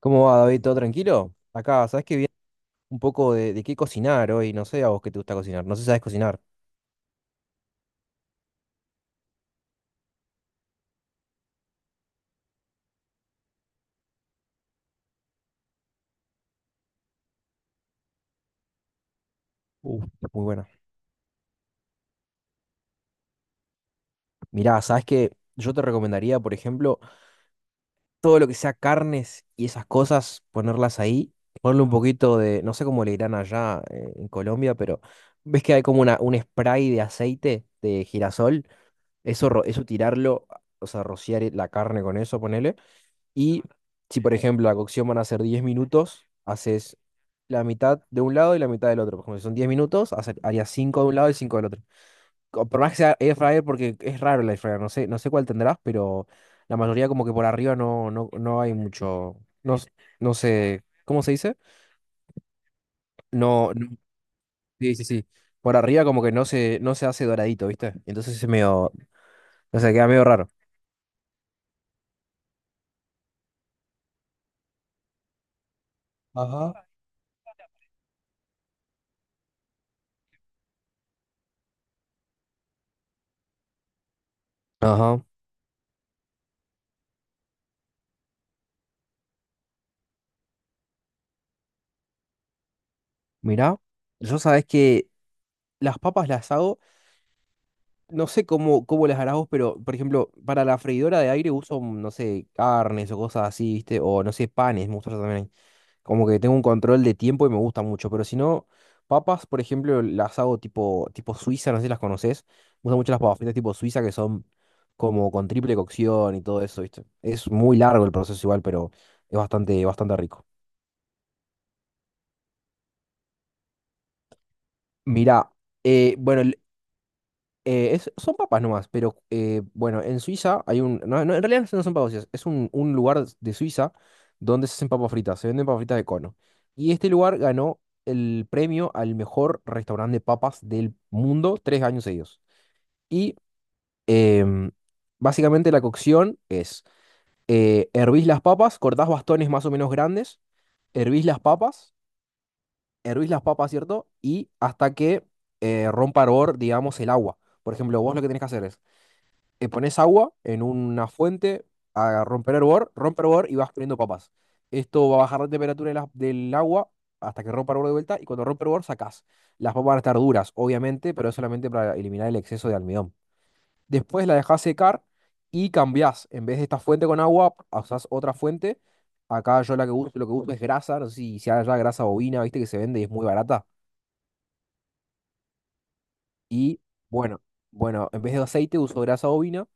¿Cómo va, David? ¿Todo tranquilo? Acá, ¿sabes qué viene un poco de qué cocinar hoy? No sé a vos qué te gusta cocinar. No sé si sabes cocinar. Uf, muy buena. Mirá, ¿sabes qué? Yo te recomendaría, por ejemplo, todo lo que sea carnes y esas cosas, ponerlas ahí, ponerle un poquito de, no sé cómo le dirán allá en Colombia, pero ves que hay como una, un spray de aceite de girasol. Eso, eso tirarlo, o sea, rociar la carne con eso, ponele. Y si, por ejemplo, la cocción van a ser 10 minutos, haces la mitad de un lado y la mitad del otro. Por ejemplo, si son 10 minutos, harías 5 de un lado y 5 del otro. Por más que sea air fryer, porque es raro el air fryer, no sé, no sé cuál tendrás, pero la mayoría como que por arriba no hay mucho, no, no sé, ¿cómo se dice? No, no- sí, sí, sí. Por arriba como que no se hace doradito, ¿viste? Entonces es medio, o sea, queda medio raro. Ajá. Ajá, mirá, yo sabes que las papas las hago. No sé cómo, cómo las harás vos, pero por ejemplo, para la freidora de aire uso, no sé, carnes o cosas así, ¿viste? O no sé, panes, me gusta hacer también. Como que tengo un control de tiempo y me gusta mucho. Pero si no, papas, por ejemplo, las hago tipo suiza, no sé si las conoces. Me gustan mucho las papas fritas tipo suiza que son como con triple cocción y todo eso, ¿viste? Es muy largo el proceso igual, pero es bastante, bastante rico. Mira, bueno, son papas nomás, pero bueno, en Suiza hay un... No, no, en realidad no son papas fritas, es un lugar de Suiza donde se hacen papas fritas, se venden papas fritas de cono. Y este lugar ganó el premio al mejor restaurante de papas del mundo tres años seguidos. Y em, básicamente la cocción es, hervís las papas, cortás bastones más o menos grandes, hervís las papas, hervís las papas, ¿cierto? Y hasta que rompa hervor, digamos, el agua. Por ejemplo, vos lo que tenés que hacer es pones agua en una fuente a romper hervor, rompe hervor y vas poniendo papas. Esto va a bajar la temperatura de del agua hasta que rompa hervor de vuelta y cuando rompe hervor sacás. Las papas van a estar duras, obviamente, pero es solamente para eliminar el exceso de almidón. Después la dejás secar y cambiás. En vez de esta fuente con agua, usás otra fuente. Acá yo la que uso, lo que uso es grasa, no sé si haya grasa bovina, viste que se vende y es muy barata. Y bueno, bueno, en vez de aceite uso grasa bovina,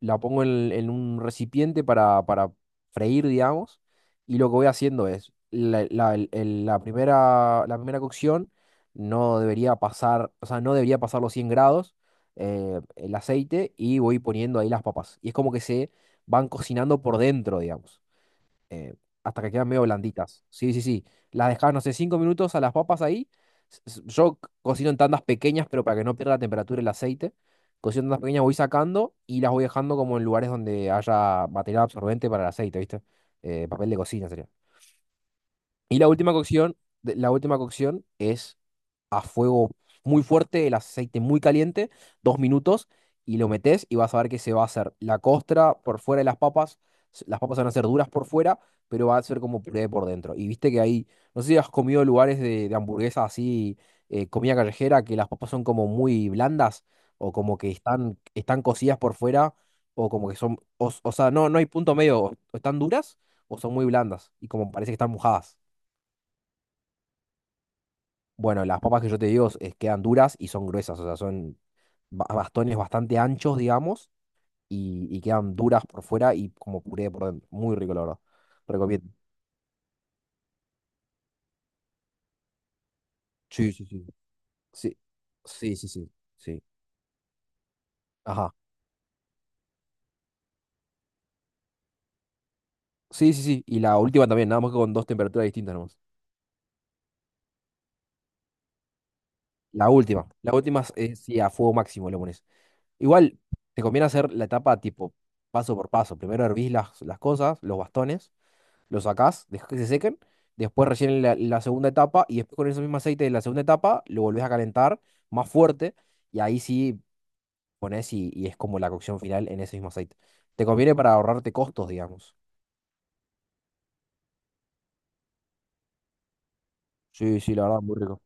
la pongo en un recipiente para freír, digamos, y lo que voy haciendo es, la primera cocción no debería pasar, o sea, no debería pasar los 100 grados el aceite y voy poniendo ahí las papas. Y es como que se van cocinando por dentro, digamos, eh, hasta que quedan medio blanditas. Sí, sí, sí. Las dejas, no sé, cinco minutos a las papas ahí. Yo cocino en tandas pequeñas, pero para que no pierda la temperatura y el aceite. Cocino en tandas pequeñas, voy sacando y las voy dejando como en lugares donde haya material absorbente para el aceite, ¿viste? Papel de cocina sería. Y la última cocción, la última cocción es a fuego muy fuerte, el aceite muy caliente, dos minutos, y lo metes y vas a ver que se va a hacer la costra por fuera de las papas. Las papas van a ser duras por fuera, pero va a ser como puré por dentro. Y viste que ahí, no sé si has comido lugares de hamburguesas así, comida callejera, que las papas son como muy blandas, o como que están, están cocidas por fuera, o como que son, o sea, no, no hay punto medio, o están duras o son muy blandas, y como parece que están mojadas. Bueno, las papas que yo te digo quedan duras y son gruesas, o sea, son bastones bastante anchos, digamos, y quedan duras por fuera y como puré por dentro. Muy rico, la verdad. Recomiendo. Sí, sí, sí. Sí, sí, sí, sí. Sí. Ajá. Sí, sí, sí. Y la última también, nada más que con dos temperaturas distintas nomás. La última. La última es sí, a fuego máximo le pones. Igual, te conviene hacer la etapa tipo paso por paso. Primero hervís las cosas, los bastones. Lo sacás, dejas que se sequen, después recién la segunda etapa y después con ese mismo aceite de la segunda etapa lo volvés a calentar más fuerte y ahí sí pones y es como la cocción final en ese mismo aceite. Te conviene para ahorrarte costos, digamos. Sí, sí, la verdad, muy rico.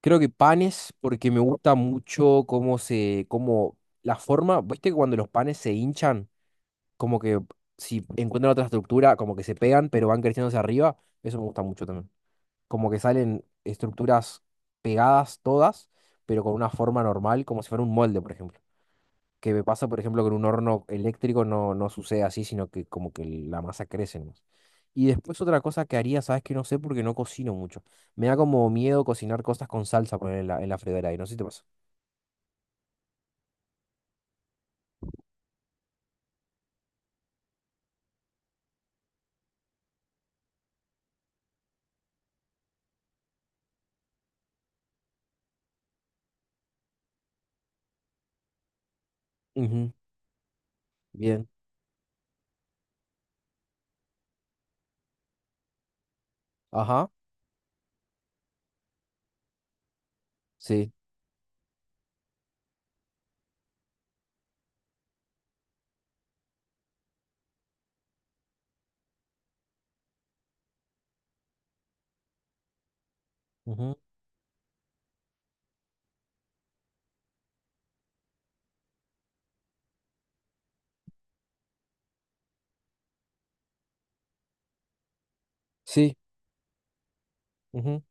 Creo que panes, porque me gusta mucho cómo se, cómo la forma, viste que cuando los panes se hinchan, como que si encuentran otra estructura, como que se pegan, pero van creciendo hacia arriba, eso me gusta mucho también. Como que salen estructuras pegadas todas, pero con una forma normal, como si fuera un molde, por ejemplo. Que me pasa, por ejemplo, con un horno eléctrico no, no sucede así, sino que como que la masa crece nomás. Y después otra cosa que haría, sabes que no sé porque no cocino mucho. Me da como miedo cocinar cosas con salsa poner en la freidora y no sé si te pasa. Ujú. Bien. Ajá. Sí. Ujú. Sí. Ujú.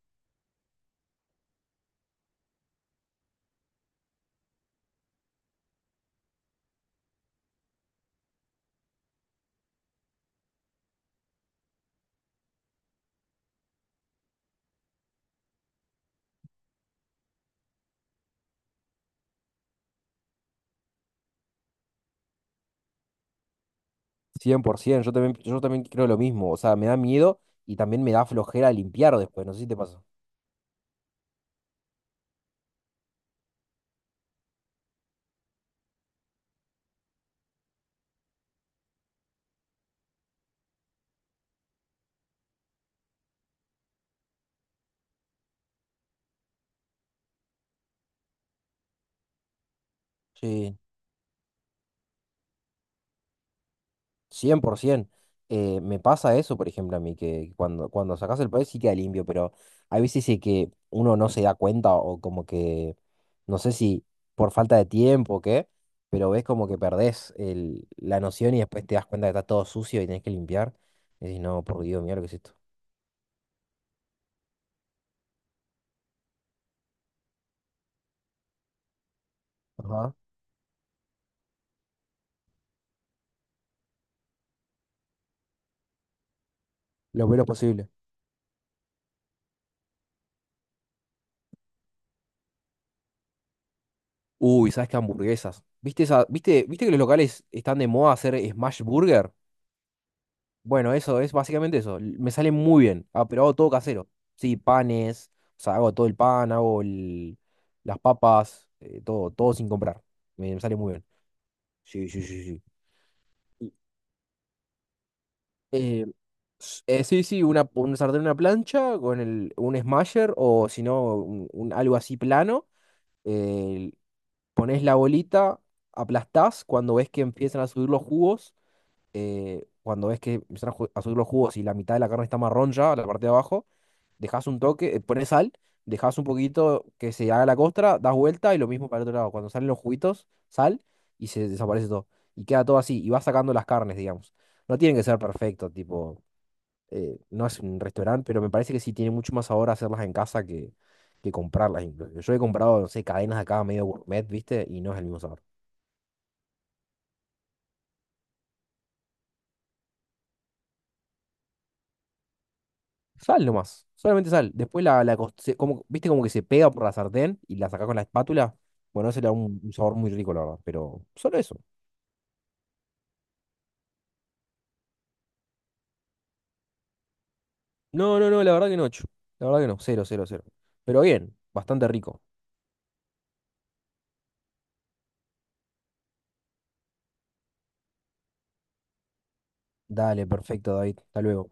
100%. Yo también creo lo mismo. O sea, me da miedo y también me da flojera limpiar después. No sé si te pasa. Sí. 100%. Me pasa eso, por ejemplo, a mí, que cuando, cuando sacas el país sí queda limpio, pero hay veces de que uno no se da cuenta o como que, no sé si por falta de tiempo o qué, pero ves como que perdés la noción y después te das cuenta que está todo sucio y tenés que limpiar. Y decís, no, por Dios, mira lo que es esto. Ajá. Lo menos posible. Uy, ¿sabes qué hamburguesas? ¿Viste esa, viste, viste que los locales están de moda hacer smash burger? Bueno, eso es básicamente eso. Me sale muy bien. Ah, pero hago todo casero. Sí, panes, o sea, hago todo el pan, hago las papas, todo, todo sin comprar. Me sale muy bien. Sí, sí, sí, sí. Y, eh, sí, sí, una, un sartén, una plancha con el, un smasher o si no, algo así plano. eh, pones la bolita, aplastás cuando ves que empiezan a subir los jugos. Cuando ves que empiezan a a subir los jugos y la mitad de la carne está marrón ya, la parte de abajo dejas un toque, pones sal, dejas un poquito que se haga la costra, das vuelta y lo mismo para el otro lado. Cuando salen los juguitos, sal y se desaparece todo. Y queda todo así, y vas sacando las carnes, digamos. No tienen que ser perfecto, tipo, no es un restaurante, pero me parece que sí tiene mucho más sabor hacerlas en casa que comprarlas. Incluso. Yo he comprado, no sé, cadenas acá medio gourmet, ¿viste? Y no es el mismo sabor. Sal nomás, solamente sal. Después la, como, ¿viste como que se pega por la sartén y la sacás con la espátula? Bueno, ese le da un sabor muy rico, la verdad, pero solo eso. No, no, no, la verdad que no, chu. La verdad que no, cero, cero, cero. Pero bien, bastante rico. Dale, perfecto, David. Hasta luego.